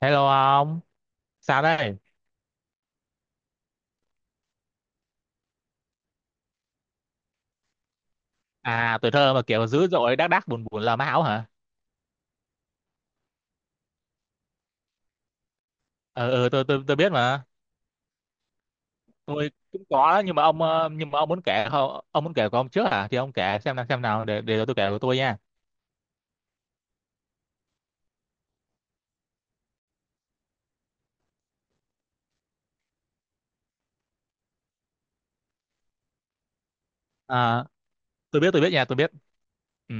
Hello ông, sao đây? À, tuổi thơ mà kiểu dữ dội đác đác buồn buồn là máu hả? Ờ, ừ, tôi biết mà. Tôi cũng có đó, nhưng mà ông muốn kể không? Ông muốn kể của ông trước hả? Thì ông kể xem nào để tôi kể của tôi nha. À, tôi biết nha, tôi biết. Ừ,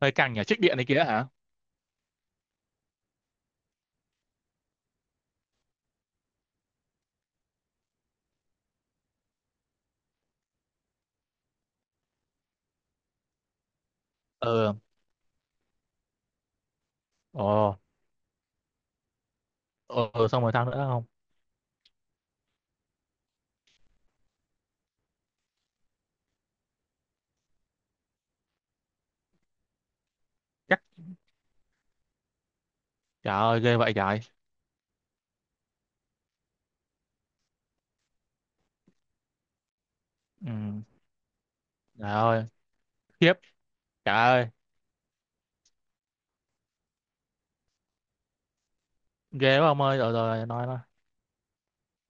hơi căng nhờ trích điện này kia hả? Ừ. Ồ, ồ, ừ, xong rồi sao nữa không? Chắc, trời ơi, ghê vậy trời. Ừ, trời ơi, khiếp. Trời ơi, ghê quá ông ơi. Rồi rồi, nói nói.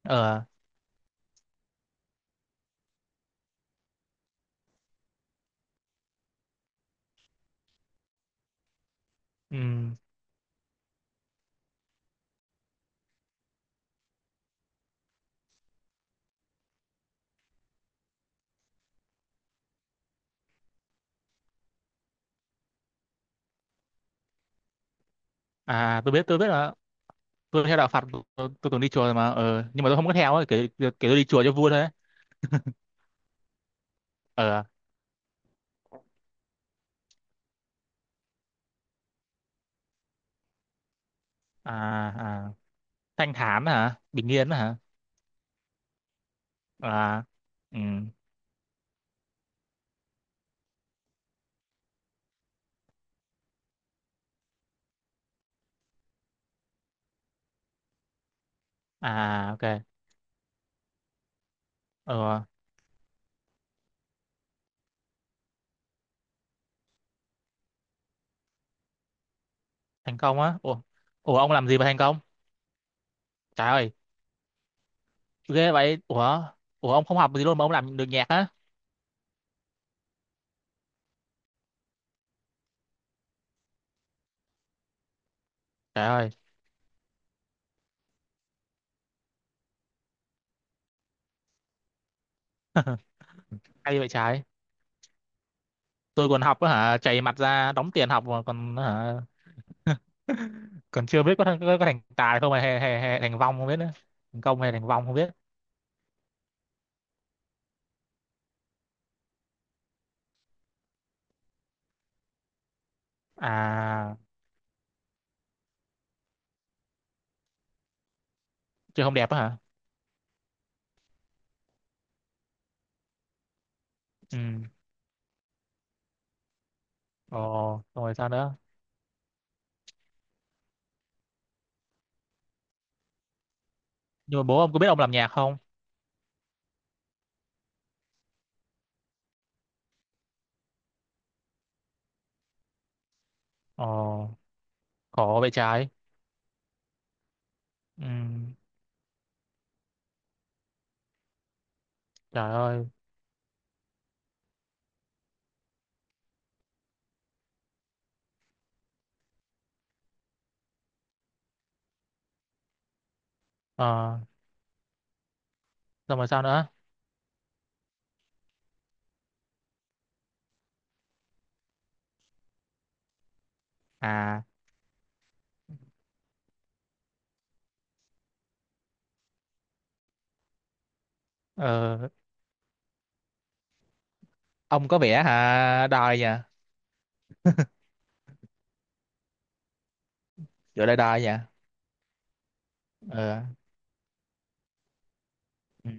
Ờ. Ừ. À, tôi biết rồi. Tôi theo đạo Phật. Tôi từng đi chùa rồi, mà nhưng mà tôi không có theo ấy, kể tôi đi chùa cho vui thôi ấy. ờ à, à, thanh thản hả, bình yên hả? À, ừ, à, ok, ờ, thành công á? Ủa, ủa ông làm gì mà thành công? Trời ơi, ghê vậy. Ủa, ủa ông không học gì luôn mà ông làm được nhạc á? Trời ơi. Hay vậy trái. Tôi còn học á hả, chảy mặt ra đóng tiền học mà còn hả? Còn chưa biết có thành tài không, hay thành vong không biết nữa. Thành công hay thành vong không biết. À, chơi không đẹp á hả? Ừ. Ờ, rồi sao nữa? Nhưng mà bố ông có biết ông làm nhạc không? Ờ, khổ vậy trái. Ừ, trời ơi. Ờ, xong rồi sao nữa? À, ờ, ông có vẻ hả, đòi nhỉ, kiểu là đòi nhỉ. Ờ, ừ.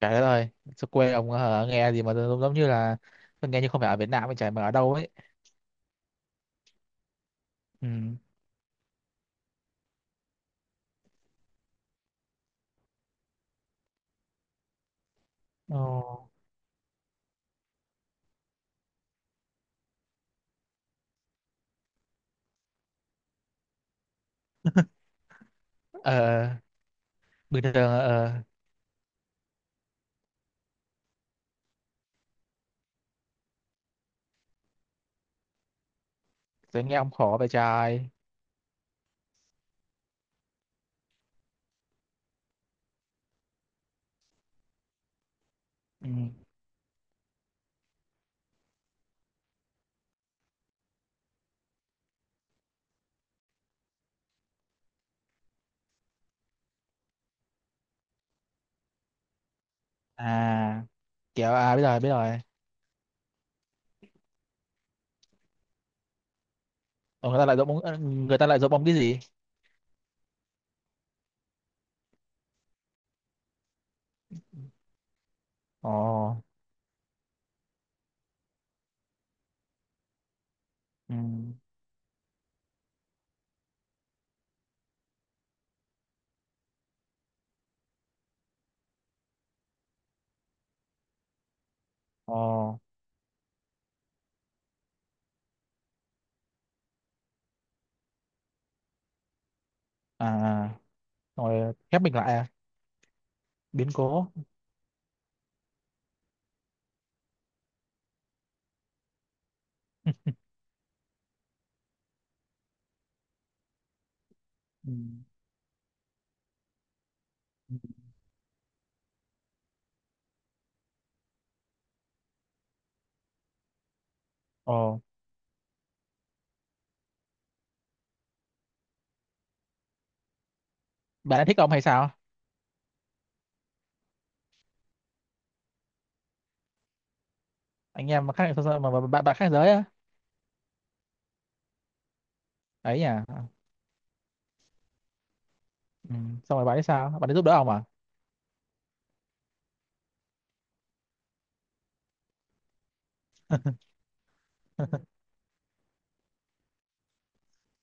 Trời đất ơi, sao quê ông hả, nghe gì mà giống giống như là tôi nghe như không phải ở Việt Nam vậy trời, mà ở đâu ấy? Ừ. Ờ, ờ, bình thường. Ờ, tôi nghe ông khổ vậy trời. Ừ. À, kiểu, à, biết rồi biết rồi. Ờ, người ta lại giục ông người ta lại giục ông cái gì? Ồ, ừ, ồ, à, à, rồi khép mình lại à, biến cố. Ừ. Ồ, bạn đã thích ông hay sao? Anh em mà khác, mà bạn bạn khác giới á, ấy nhỉ? Ừ. Xong rồi bạn ấy sao? Bạn ấy giúp đỡ ông à?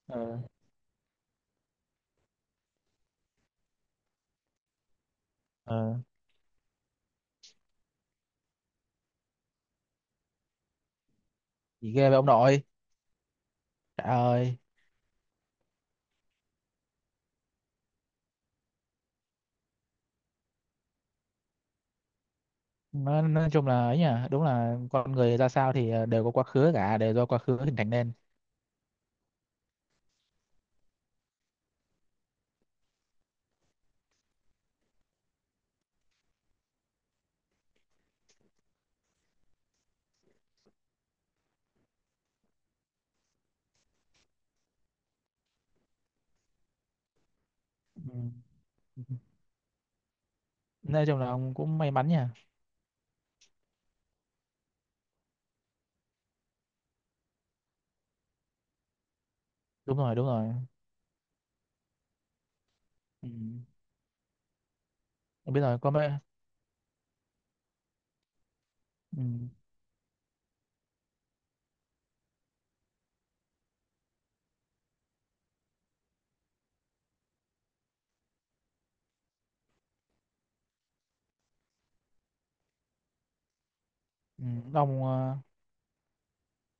Ờ, ờ, chỉ ghê với ông nội. Trời ơi, nói chung là ấy nhỉ, đúng là con người ra sao thì đều có quá khứ cả, đều do quá khứ hình thành nên. Ừ. Nói chung là ông cũng may mắn nhỉ. Đúng rồi, đúng rồi. Ừ. Em biết rồi, có mấy, ừ. Ừ. Ông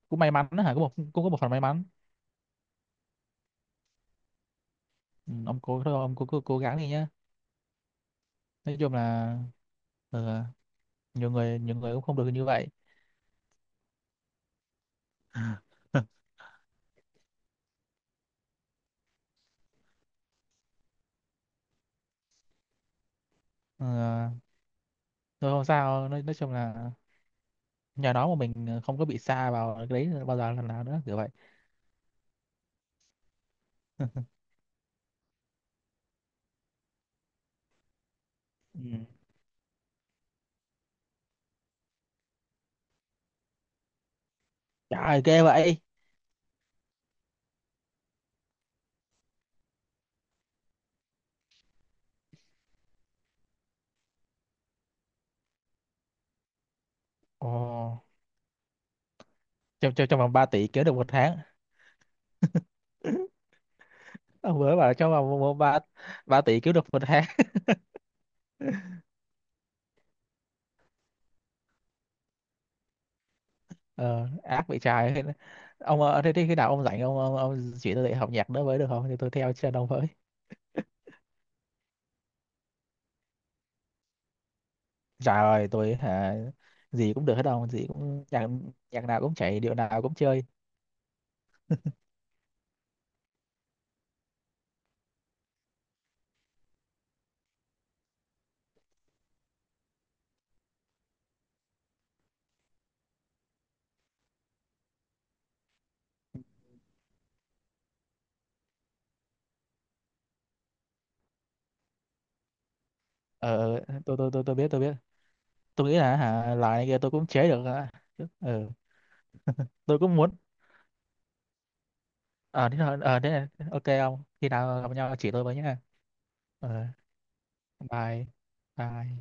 cũng may mắn đó hả, cũng có một phần may mắn. Ừ, ông cố thôi, ông cố gắng đi nhá. Nói chung là, ờ, nhiều người cũng không được như vậy. Ờ, thôi không sao, nói chung là nhờ nó mà mình không có bị sa vào cái đấy bao giờ lần nào nữa kiểu vậy. Ừ. Trời ơi, ghê vậy. Ồ, trong trong trong vòng 3 tỷ kiếm được 1 tháng. Ông mới bảo trong vòng ba ba tỷ kiếm được một tháng. Ờ, ác bị trái. Ông thế khi nào ông rảnh, ông, chỉ tôi dạy học nhạc nữa với được không? Thì tôi theo chân ông với. Trời ơi, tôi hả, gì cũng được hết đâu, gì cũng nhạc, nhạc nào cũng chạy, điệu nào cũng chơi. Ờ, ờ, tôi biết tôi biết. Tôi nghĩ là hả, loại này kia tôi cũng chế được, hả? Ờ, tôi cũng muốn. Ờ thế thôi, thế này, ok không? Khi nào gặp nhau chỉ tôi với nhá. Ờ, bye bye.